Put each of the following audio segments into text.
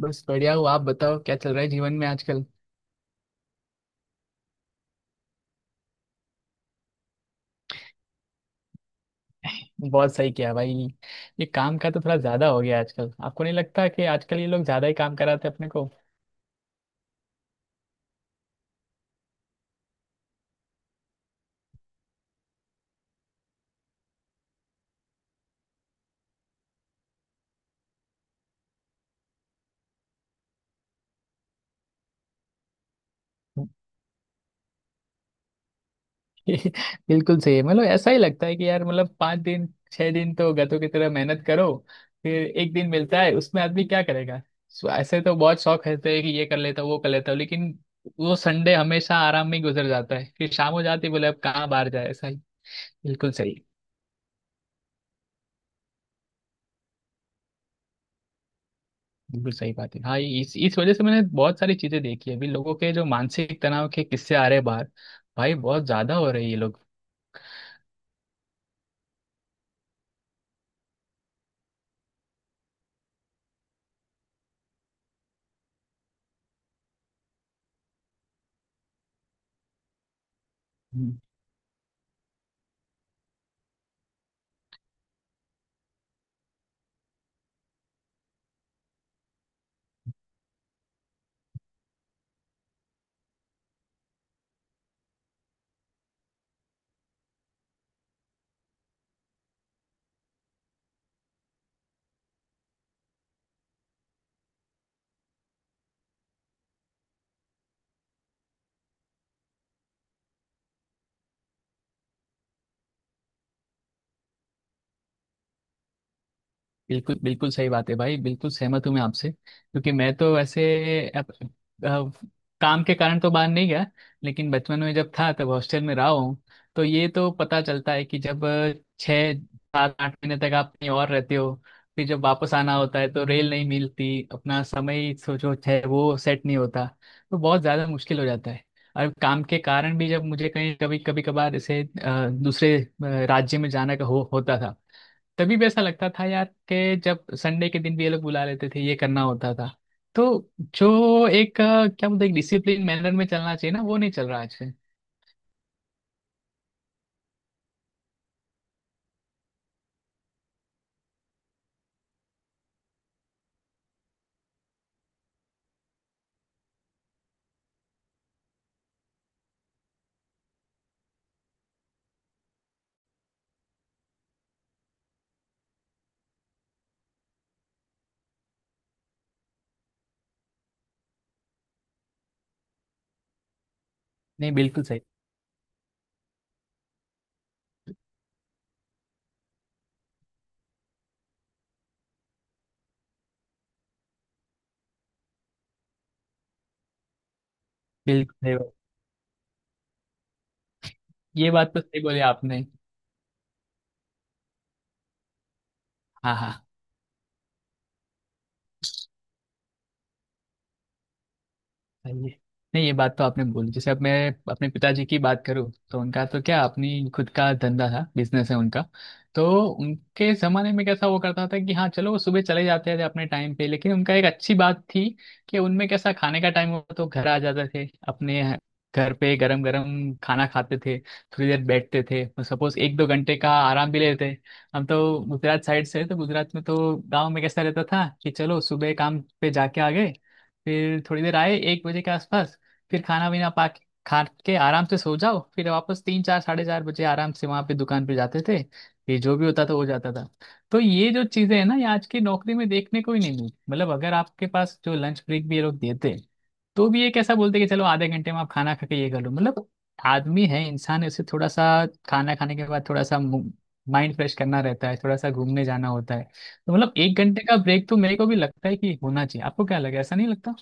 बस बढ़िया हो। आप बताओ क्या चल रहा है जीवन में आजकल। बहुत सही किया भाई। ये काम का तो थोड़ा ज्यादा हो गया आजकल, आपको नहीं लगता कि आजकल ये लोग ज्यादा ही काम कराते हैं अपने को? बिल्कुल सही है। मतलब ऐसा ही लगता है कि यार, मतलब 5 दिन 6 दिन तो गधों की तरह मेहनत करो, फिर एक दिन मिलता है, उसमें आदमी क्या करेगा। सो ऐसे तो बहुत शौक रहते हैं कि ये कर लेता हूँ वो कर लेता हूँ, लेकिन वो संडे हमेशा आराम में ही गुजर जाता है, फिर शाम हो जाती है, बोले अब कहाँ बाहर जाए, ऐसा ही। बिल्कुल सही। बिल्कुल सही बात है। हाँ, इस वजह से मैंने बहुत सारी चीजें देखी है। अभी लोगों के जो मानसिक तनाव के किस्से आ रहे हैं बाहर, भाई बहुत ज्यादा हो रही है ये लोग। बिल्कुल बिल्कुल सही बात है भाई। बिल्कुल सहमत हूँ मैं आपसे, क्योंकि मैं तो वैसे अप, अप, काम के कारण तो बाहर नहीं गया, लेकिन बचपन में जब था तब हॉस्टल में रहा हूँ। तो ये तो पता चलता है कि जब 6 7 8 महीने तक आप कहीं और रहते हो, फिर जब वापस आना होता है तो रेल नहीं मिलती, अपना समय सोचो है वो सेट नहीं होता, तो बहुत ज़्यादा मुश्किल हो जाता है। और काम के कारण भी जब मुझे कहीं कभी कभी कभार जैसे दूसरे राज्य में जाना का होता था, तभी भी ऐसा लगता था यार, कि जब संडे के दिन भी ये लोग बुला लेते थे, ये करना होता था। तो जो एक क्या बोलते हैं, एक डिसिप्लिन मैनर में चलना चाहिए ना, वो नहीं चल रहा आज। नहीं, बिल्कुल सही। बिल्कुल सही बात। ये बात तो सही बोली आपने। हाँ हाँ। सही है। नहीं, ये बात तो आपने बोली। जैसे अब मैं अपने पिताजी की बात करूँ तो उनका तो क्या, अपनी खुद का धंधा था, बिजनेस है उनका। तो उनके ज़माने में कैसा वो करता था कि हाँ चलो, वो सुबह चले जाते थे अपने टाइम पे, लेकिन उनका एक अच्छी बात थी कि उनमें कैसा खाने का टाइम हुआ तो घर आ जाते थे अपने घर पे, गरम गरम खाना खाते थे, थोड़ी देर बैठते थे, सपोज एक दो घंटे का आराम भी लेते। हम तो गुजरात साइड से हैं, तो गुजरात में तो गांव में कैसा रहता था कि चलो सुबह काम पे जाके आ गए, फिर थोड़ी देर आए 1 बजे के आसपास, फिर खाना वाना पा के खा के आराम से सो जाओ, फिर वापस 3 4 साढ़े 4 बजे आराम से वहाँ पे दुकान पे जाते थे, फिर जो भी होता था वो जाता था। तो ये जो चीज़ें हैं ना, ये आज की नौकरी में देखने को ही नहीं मिलती। मतलब अगर आपके पास जो लंच ब्रेक भी ये लोग देते, तो भी ये कैसा बोलते कि चलो आधे घंटे में आप खाना खा के ये कर लो। मतलब आदमी है, इंसान है, उसे थोड़ा सा खाना खाने के बाद थोड़ा सा माइंड फ्रेश करना रहता है, थोड़ा सा घूमने जाना होता है। तो मतलब एक घंटे का ब्रेक तो मेरे को भी लगता है कि होना चाहिए। आपको क्या लगे, ऐसा नहीं लगता?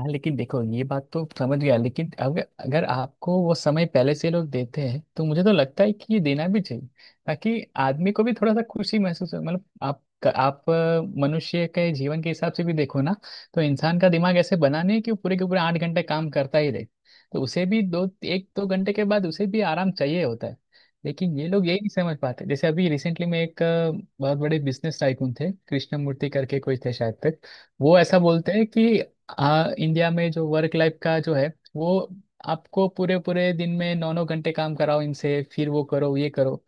हाँ, लेकिन देखो ये बात तो समझ गया, लेकिन अगर अगर आपको वो समय पहले से लोग देते हैं तो मुझे तो लगता है कि ये देना भी चाहिए, ताकि आदमी को भी थोड़ा सा खुशी महसूस हो। मतलब आप मनुष्य के जीवन के हिसाब से भी देखो ना। तो इंसान का दिमाग ऐसे बना नहीं है कि वो पूरे के पूरे 8 घंटे काम करता ही रहे। तो उसे भी दो एक दो घंटे के बाद उसे भी आराम चाहिए होता है। लेकिन ये लोग यही नहीं समझ पाते। जैसे अभी रिसेंटली में एक बहुत बड़े बिजनेस टाइकून थे, कृष्णमूर्ति करके कोई थे शायद तक। वो ऐसा बोलते हैं कि हाँ, इंडिया में जो वर्क लाइफ का जो है वो, आपको पूरे पूरे दिन में 9 9 घंटे काम कराओ इनसे, फिर वो करो ये करो।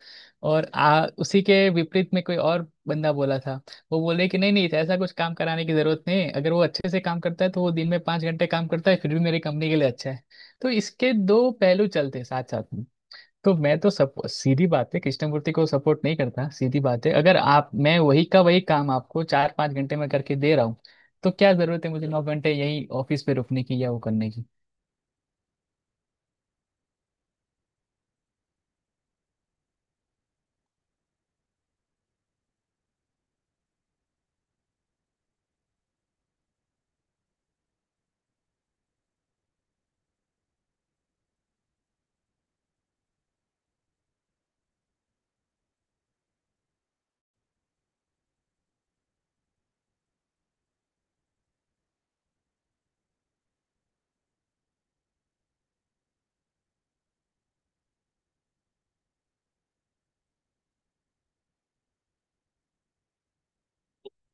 और उसी के विपरीत में कोई और बंदा बोला था, वो बोले कि नहीं नहीं, ऐसा कुछ काम कराने की जरूरत नहीं है, अगर वो अच्छे से काम करता है तो वो दिन में 5 घंटे काम करता है फिर भी मेरी कंपनी के लिए अच्छा है। तो इसके दो पहलू चलते हैं साथ साथ। तो मैं तो सब सीधी बात है, कृष्णमूर्ति को सपोर्ट नहीं करता। सीधी बात है, अगर आप, मैं वही का वही काम आपको 4 5 घंटे में करके दे रहा हूँ, तो क्या जरूरत है मुझे 9 घंटे यही ऑफिस पे रुकने की या वो करने की।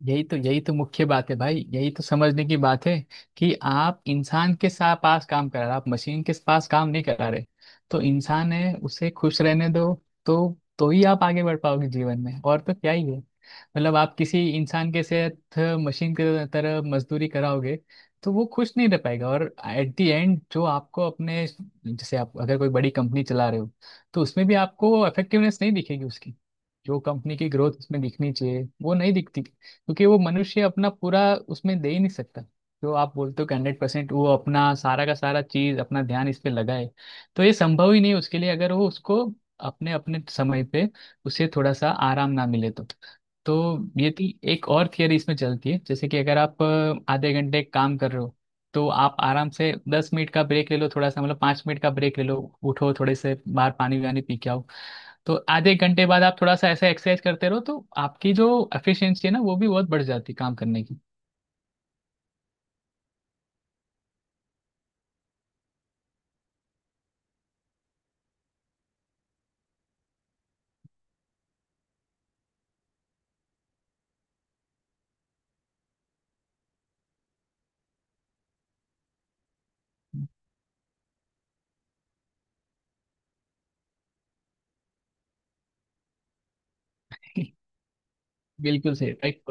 यही तो, यही तो मुख्य बात है भाई, यही तो समझने की बात है कि आप इंसान के साथ पास काम करा रहे, आप मशीन के पास काम नहीं करा रहे। तो इंसान है, उसे खुश रहने दो। तो ही आप आगे बढ़ पाओगे जीवन में, और तो क्या ही है। मतलब आप किसी इंसान के साथ मशीन के तरह मजदूरी कराओगे तो वो खुश नहीं रह पाएगा। और एट दी एंड जो आपको अपने, जैसे आप अगर कोई बड़ी कंपनी चला रहे हो, तो उसमें भी आपको इफेक्टिवनेस नहीं दिखेगी उसकी। जो कंपनी की ग्रोथ उसमें दिखनी चाहिए वो नहीं दिखती, क्योंकि वो मनुष्य अपना पूरा उसमें दे ही नहीं सकता, जो आप बोलते हो कि 100% वो अपना सारा का सारा चीज, अपना ध्यान इस पे लगाए। तो ये संभव ही नहीं उसके लिए, अगर वो उसको अपने अपने समय पे उसे थोड़ा सा आराम ना मिले। तो ये थी एक और थियरी इसमें चलती है, जैसे कि अगर आप आधे घंटे काम कर रहे हो, तो आप आराम से 10 मिनट का ब्रेक ले लो, थोड़ा सा मतलब 5 मिनट का ब्रेक ले लो। उठो, थोड़े से बाहर पानी वानी पी के आओ। तो आधे एक घंटे बाद आप थोड़ा सा ऐसा एक्सरसाइज करते रहो तो आपकी जो एफिशिएंसी है ना, वो भी बहुत बढ़ जाती है काम करने की। बिल्कुल सही, राइट।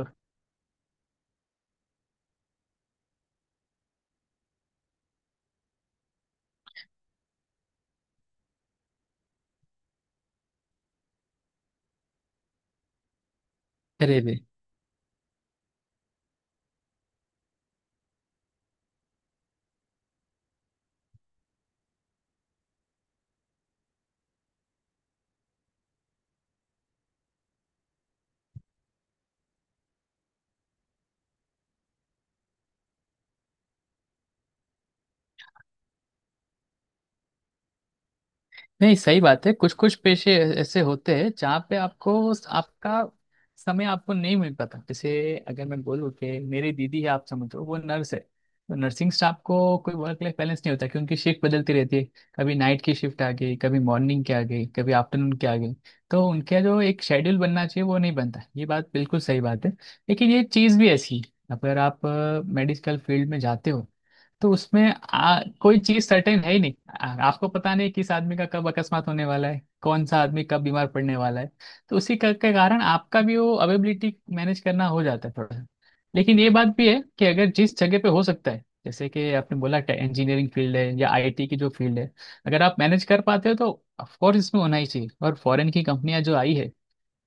अरे रे। नहीं, सही बात है। कुछ कुछ पेशे ऐसे होते हैं जहाँ पे आपको, आपका समय आपको नहीं मिल पाता। जैसे अगर मैं बोलूँ कि मेरी दीदी है, आप समझो वो नर्स है, तो नर्सिंग स्टाफ को कोई वर्क लाइफ बैलेंस नहीं होता क्योंकि उनकी शिफ्ट बदलती रहती है। कभी नाइट की शिफ्ट आ गई, कभी मॉर्निंग की आ गई, कभी आफ्टरनून की आ गई। तो उनका जो एक शेड्यूल बनना चाहिए वो नहीं बनता, ये बात बिल्कुल सही बात है। लेकिन ये चीज़ भी ऐसी है, अगर आप मेडिकल फील्ड में जाते हो तो उसमें कोई चीज सर्टेन है ही नहीं। आपको पता नहीं किस आदमी का कब अकस्मात होने वाला है, कौन सा आदमी कब बीमार पड़ने वाला है। तो उसी का के कारण आपका भी वो अवेबिलिटी मैनेज करना हो जाता है थोड़ा सा। लेकिन ये बात भी है कि अगर जिस जगह पे हो सकता है, जैसे कि आपने बोला इंजीनियरिंग फील्ड है या आईटी की जो फील्ड है, अगर आप मैनेज कर पाते हो तो ऑफकोर्स इसमें होना ही चाहिए। और फॉरेन की कंपनियां जो आई है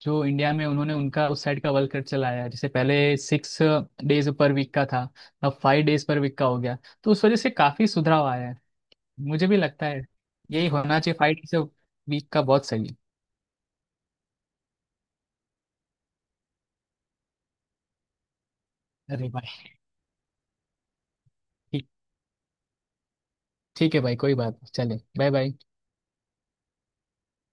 जो इंडिया में, उन्होंने उनका उस साइड का वर्ल्ड कप चलाया है। जैसे पहले 6 डेज पर वीक का था, अब 5 डेज पर वीक का हो गया। तो उस वजह से काफी सुधराव आया है, मुझे भी लगता है यही होना चाहिए, 5 डेज वीक का बहुत सही है। अरे भाई, ठीक। ठीक है भाई, कोई बात नहीं, चले। Bye bye.